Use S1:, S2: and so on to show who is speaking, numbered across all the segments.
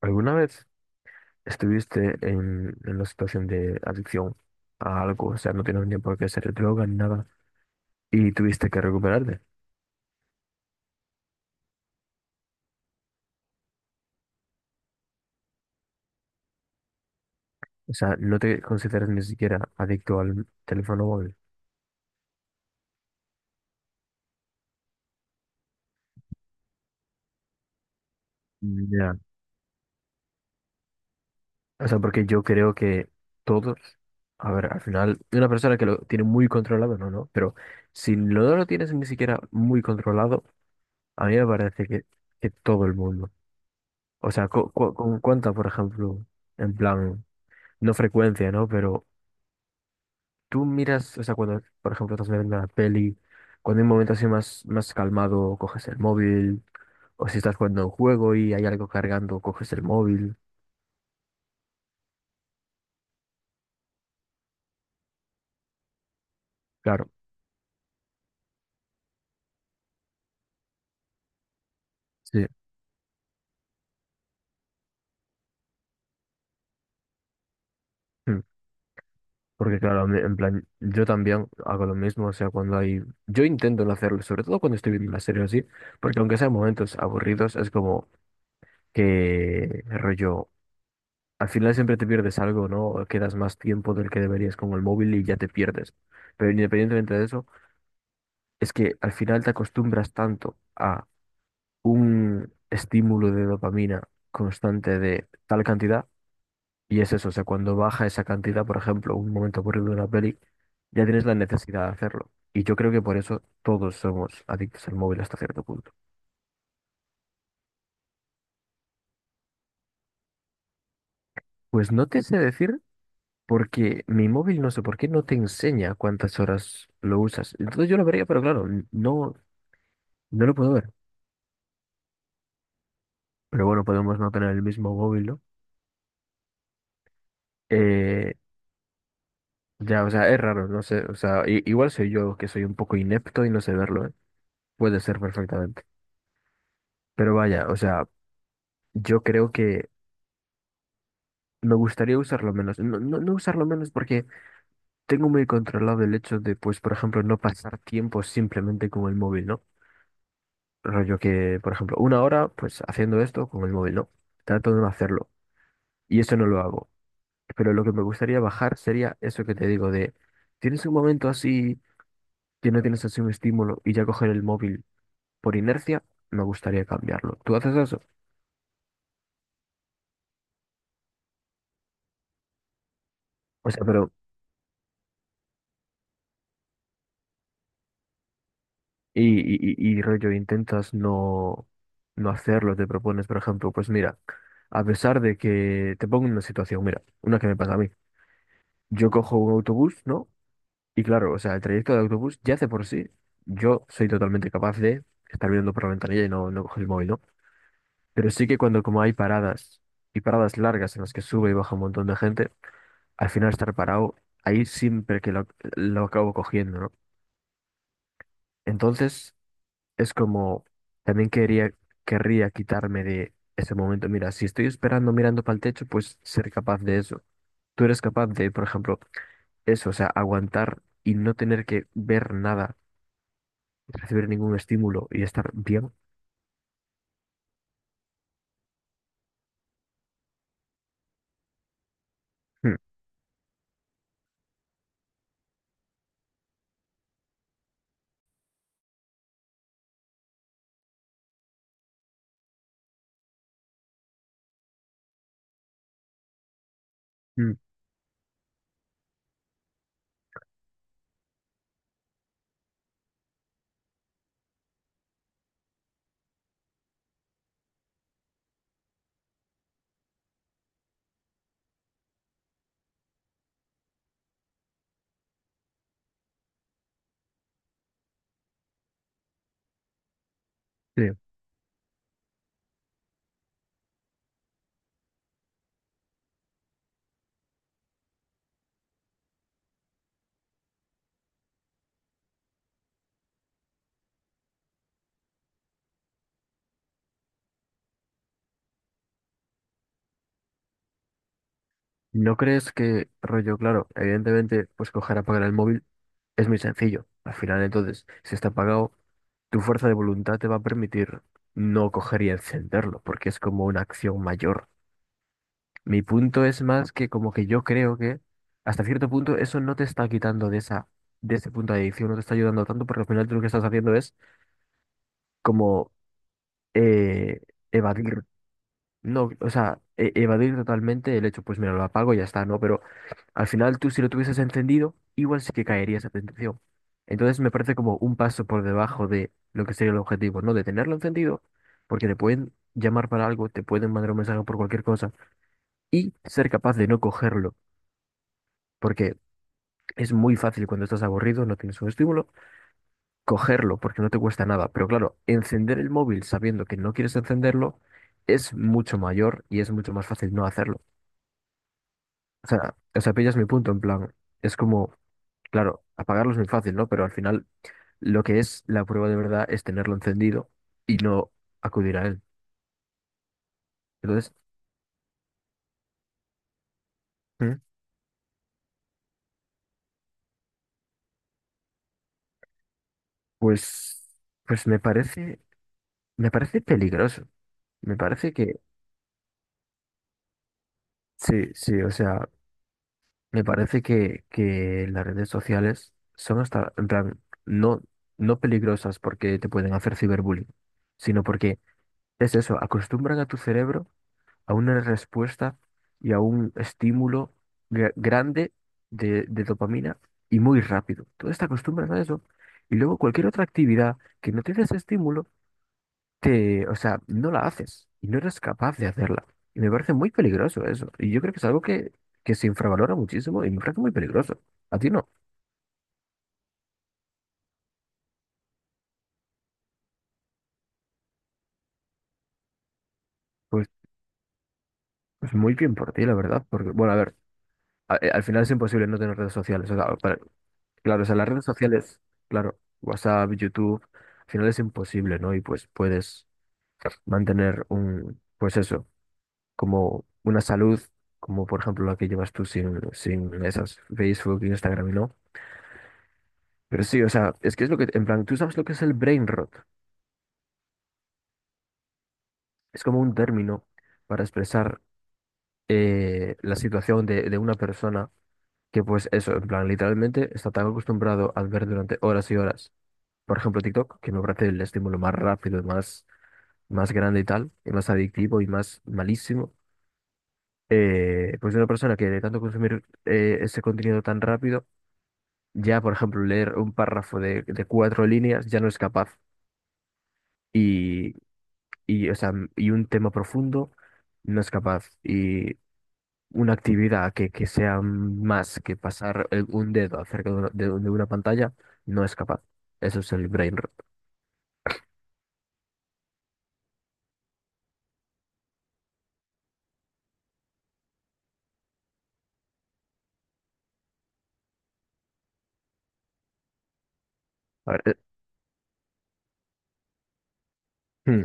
S1: ¿Alguna vez estuviste en una situación de adicción a algo? O sea, no tienes ni por qué ser droga ni nada y tuviste que recuperarte. O sea, no te consideras ni siquiera adicto al teléfono móvil. Ya. O sea, porque yo creo que todos, a ver, al final, una persona que lo tiene muy controlado, no, no, pero si no lo tienes ni siquiera muy controlado, a mí me parece que todo el mundo. O sea, con cuánta, por ejemplo, en plan, no frecuencia, ¿no? Pero tú miras, o sea, cuando, por ejemplo, estás viendo una peli, cuando hay un momento así más, más calmado, coges el móvil, o si estás jugando un juego y hay algo cargando, coges el móvil. Claro, sí. Mm. Porque claro, a mí, en plan, yo también hago lo mismo, o sea, cuando hay, yo intento no hacerlo, sobre todo cuando estoy viendo una serie o así, porque aunque sean momentos aburridos, es como que rollo, al final siempre te pierdes algo, ¿no? Quedas más tiempo del que deberías con el móvil y ya te pierdes. Pero independientemente de eso, es que al final te acostumbras tanto a un estímulo de dopamina constante de tal cantidad, y es eso, o sea, cuando baja esa cantidad, por ejemplo, un momento aburrido de una peli, ya tienes la necesidad de hacerlo. Y yo creo que por eso todos somos adictos al móvil hasta cierto punto. Pues no te sé decir porque mi móvil no sé por qué no te enseña cuántas horas lo usas. Entonces yo lo vería, pero claro, no, no lo puedo ver. Pero bueno, podemos no tener el mismo móvil, ¿no? Eh, Ya, o sea, es raro, no sé, o sea, igual soy yo que soy un poco inepto y no sé verlo, ¿eh? Puede ser perfectamente. Pero vaya, o sea, yo creo que me gustaría usarlo menos, no usarlo menos porque tengo muy controlado el hecho de, pues, por ejemplo, no pasar tiempo simplemente con el móvil, ¿no? Rollo que, por ejemplo, una hora, pues, haciendo esto con el móvil, ¿no? Trato de no hacerlo y eso no lo hago. Pero lo que me gustaría bajar sería eso que te digo de, tienes un momento así que no tienes así un estímulo y ya coger el móvil por inercia, me gustaría cambiarlo. ¿Tú haces eso? O sea, pero, y rollo, intentas no, no hacerlo, te propones, por ejemplo, pues mira, a pesar de que te pongo en una situación, mira, una que me pasa a mí. Yo cojo un autobús, ¿no? Y claro, o sea, el trayecto de autobús ya hace por sí, yo soy totalmente capaz de estar viendo por la ventanilla y no, no coger el móvil, ¿no? Pero sí que cuando como hay paradas y paradas largas en las que sube y baja un montón de gente, al final estar parado, ahí siempre lo acabo cogiendo, ¿no? Entonces, es como, también querría quitarme de ese momento. Mira, si estoy esperando mirando para el techo, pues ser capaz de eso. Tú eres capaz de, por ejemplo, eso, o sea, aguantar y no tener que ver nada, recibir ningún estímulo y estar bien. Mm, mm, sí. ¿No crees que, rollo, claro, evidentemente, pues coger, apagar el móvil es muy sencillo? Al final, entonces, si está apagado, tu fuerza de voluntad te va a permitir no coger y encenderlo, porque es como una acción mayor. Mi punto es más que como que yo creo que hasta cierto punto eso no te está quitando de esa, de ese punto de adicción, no te está ayudando tanto porque al final tú lo que estás haciendo es como eh, evadir, no, o sea, evadir totalmente el hecho, pues mira, lo apago y ya está, ¿no? Pero al final tú si lo tuvieses encendido, igual sí que caería esa tentación. Entonces me parece como un paso por debajo de lo que sería el objetivo, ¿no? De tenerlo encendido, porque te pueden llamar para algo, te pueden mandar un mensaje por cualquier cosa y ser capaz de no cogerlo. Porque es muy fácil cuando estás aburrido, no tienes un estímulo, cogerlo porque no te cuesta nada. Pero claro, encender el móvil sabiendo que no quieres encenderlo es mucho mayor y es mucho más fácil no hacerlo. O sea, pillas mi punto en plan, es como, claro, apagarlo es muy fácil, ¿no? Pero al final lo que es la prueba de verdad es tenerlo encendido y no acudir a él. Entonces, ¿mm? Pues, pues me parece peligroso. Me parece que sí, sí, o sea, me parece que las redes sociales son hasta, en plan, no, no peligrosas porque te pueden hacer ciberbullying, sino porque es eso, acostumbran a tu cerebro a una respuesta y a un estímulo grande de dopamina y muy rápido. Tú te acostumbras a eso. Y luego cualquier otra actividad que no te dé ese estímulo te, o sea, no la haces y no eres capaz de hacerla. Y me parece muy peligroso eso. Y yo creo que es algo que se infravalora muchísimo y me parece muy peligroso. ¿A ti no? Pues, pues muy bien por ti, la verdad. Porque, bueno, a ver, al final es imposible no tener redes sociales. O sea, claro, o sea, las redes sociales, claro, WhatsApp, YouTube, al final es imposible, ¿no? Y pues puedes mantener un, pues eso, como una salud, como por ejemplo la que llevas tú sin, sin esas, Facebook, Instagram, no. Pero sí, o sea, es que es lo que, en plan, tú sabes lo que es el brain rot. Es como un término para expresar la situación de una persona que, pues, eso, en plan, literalmente está tan acostumbrado a ver durante horas y horas, por ejemplo, TikTok, que me parece el estímulo más rápido, y más, más grande y tal, y más adictivo y más malísimo. Pues, de una persona que de tanto consumir ese contenido tan rápido, ya, por ejemplo, leer un párrafo de cuatro líneas ya no es capaz. Y, o sea, y un tema profundo no es capaz. Y una actividad que sea más que pasar un dedo acerca de una pantalla no es capaz. Eso es el brain rot. A ver, hmm,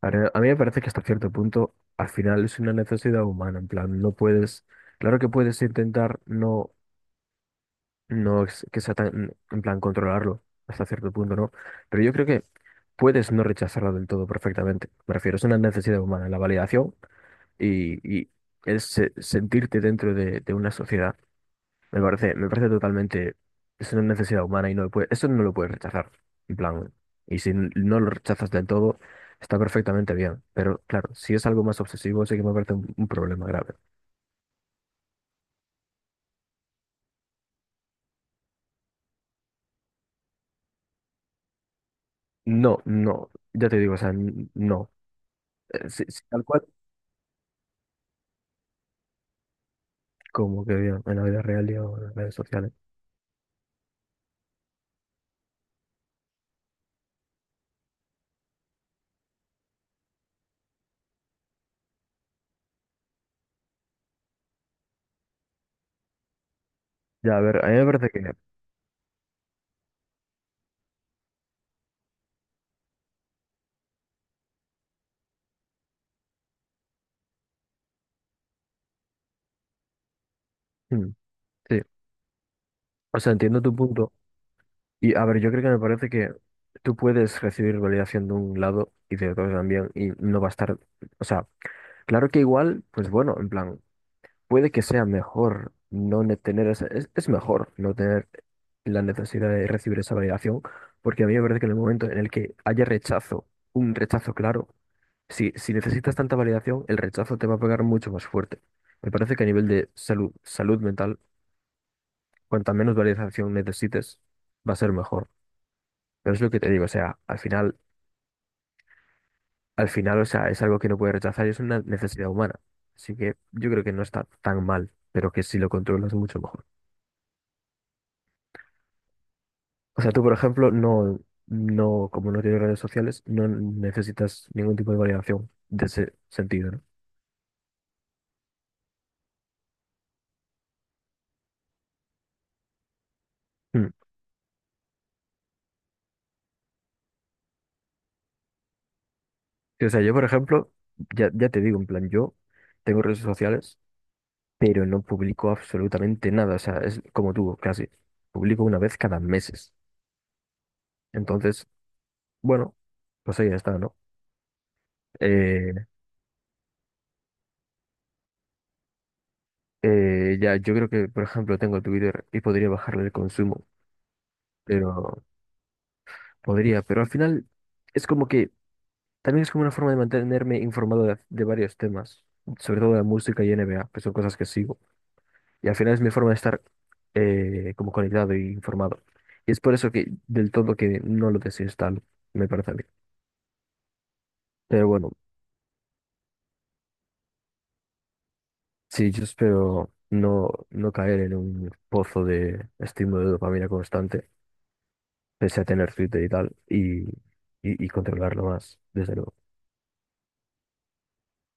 S1: a ver, a mí me parece que hasta cierto punto al final es una necesidad humana. En plan, no puedes, claro que puedes intentar no, que sea tan, en plan, controlarlo hasta cierto punto, ¿no? Pero yo creo que puedes no rechazarlo del todo perfectamente. Me refiero, es una necesidad humana. La validación. Y sentirte dentro de una sociedad me parece totalmente, es una necesidad humana y no lo eso no lo puedes rechazar, en plan, y si no lo rechazas del todo, está perfectamente bien, pero claro, si es algo más obsesivo, sí que me parece un problema grave. No, no, ya te digo, o sea, no. Si tal cual como que bien, en la vida real y en las redes sociales. Ya, a ver, a mí me parece que, mm, sí, o sea, entiendo tu punto. Y a ver, yo creo que me parece que tú puedes recibir validación de un lado y de otro también y no va a estar, o sea, claro que igual, pues bueno, en plan, puede que sea mejor no ne- tener esa, es mejor no tener la necesidad de recibir esa validación, porque a mí me parece que en el momento en el que haya rechazo, un rechazo claro, si, si necesitas tanta validación, el rechazo te va a pegar mucho más fuerte. Me parece que a nivel de salud, salud mental, cuanta menos validación necesites, va a ser mejor. Pero es lo que te digo, o sea, al final, o sea, es algo que no puedes rechazar y es una necesidad humana. Así que yo creo que no está tan mal, pero que si lo controlas mucho mejor. O sea, tú, por ejemplo, no, no, como no tienes redes sociales, no necesitas ningún tipo de validación de ese sentido, ¿no? Mm. Sí, o sea, yo, por ejemplo, ya, ya te digo, en plan, yo tengo redes sociales, pero no publico absolutamente nada. O sea, es como tú, casi. Publico una vez cada meses. Entonces, bueno, pues ahí está, ¿no? Eh, ya, yo creo que, por ejemplo, tengo Twitter y podría bajarle el consumo, pero podría, pero al final es como que también es como una forma de mantenerme informado de varios temas, sobre todo de música y NBA, que son cosas que sigo, y al final es mi forma de estar como conectado e informado. Y es por eso que del todo que no lo desinstalo, me parece a mí. Pero bueno, sí, yo espero no, no caer en un pozo de estímulo de dopamina constante pese a tener Twitter y tal, y controlarlo más, desde luego.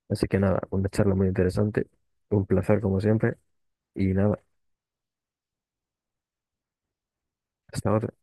S1: Así que nada, una charla muy interesante, un placer como siempre, y nada, hasta otra.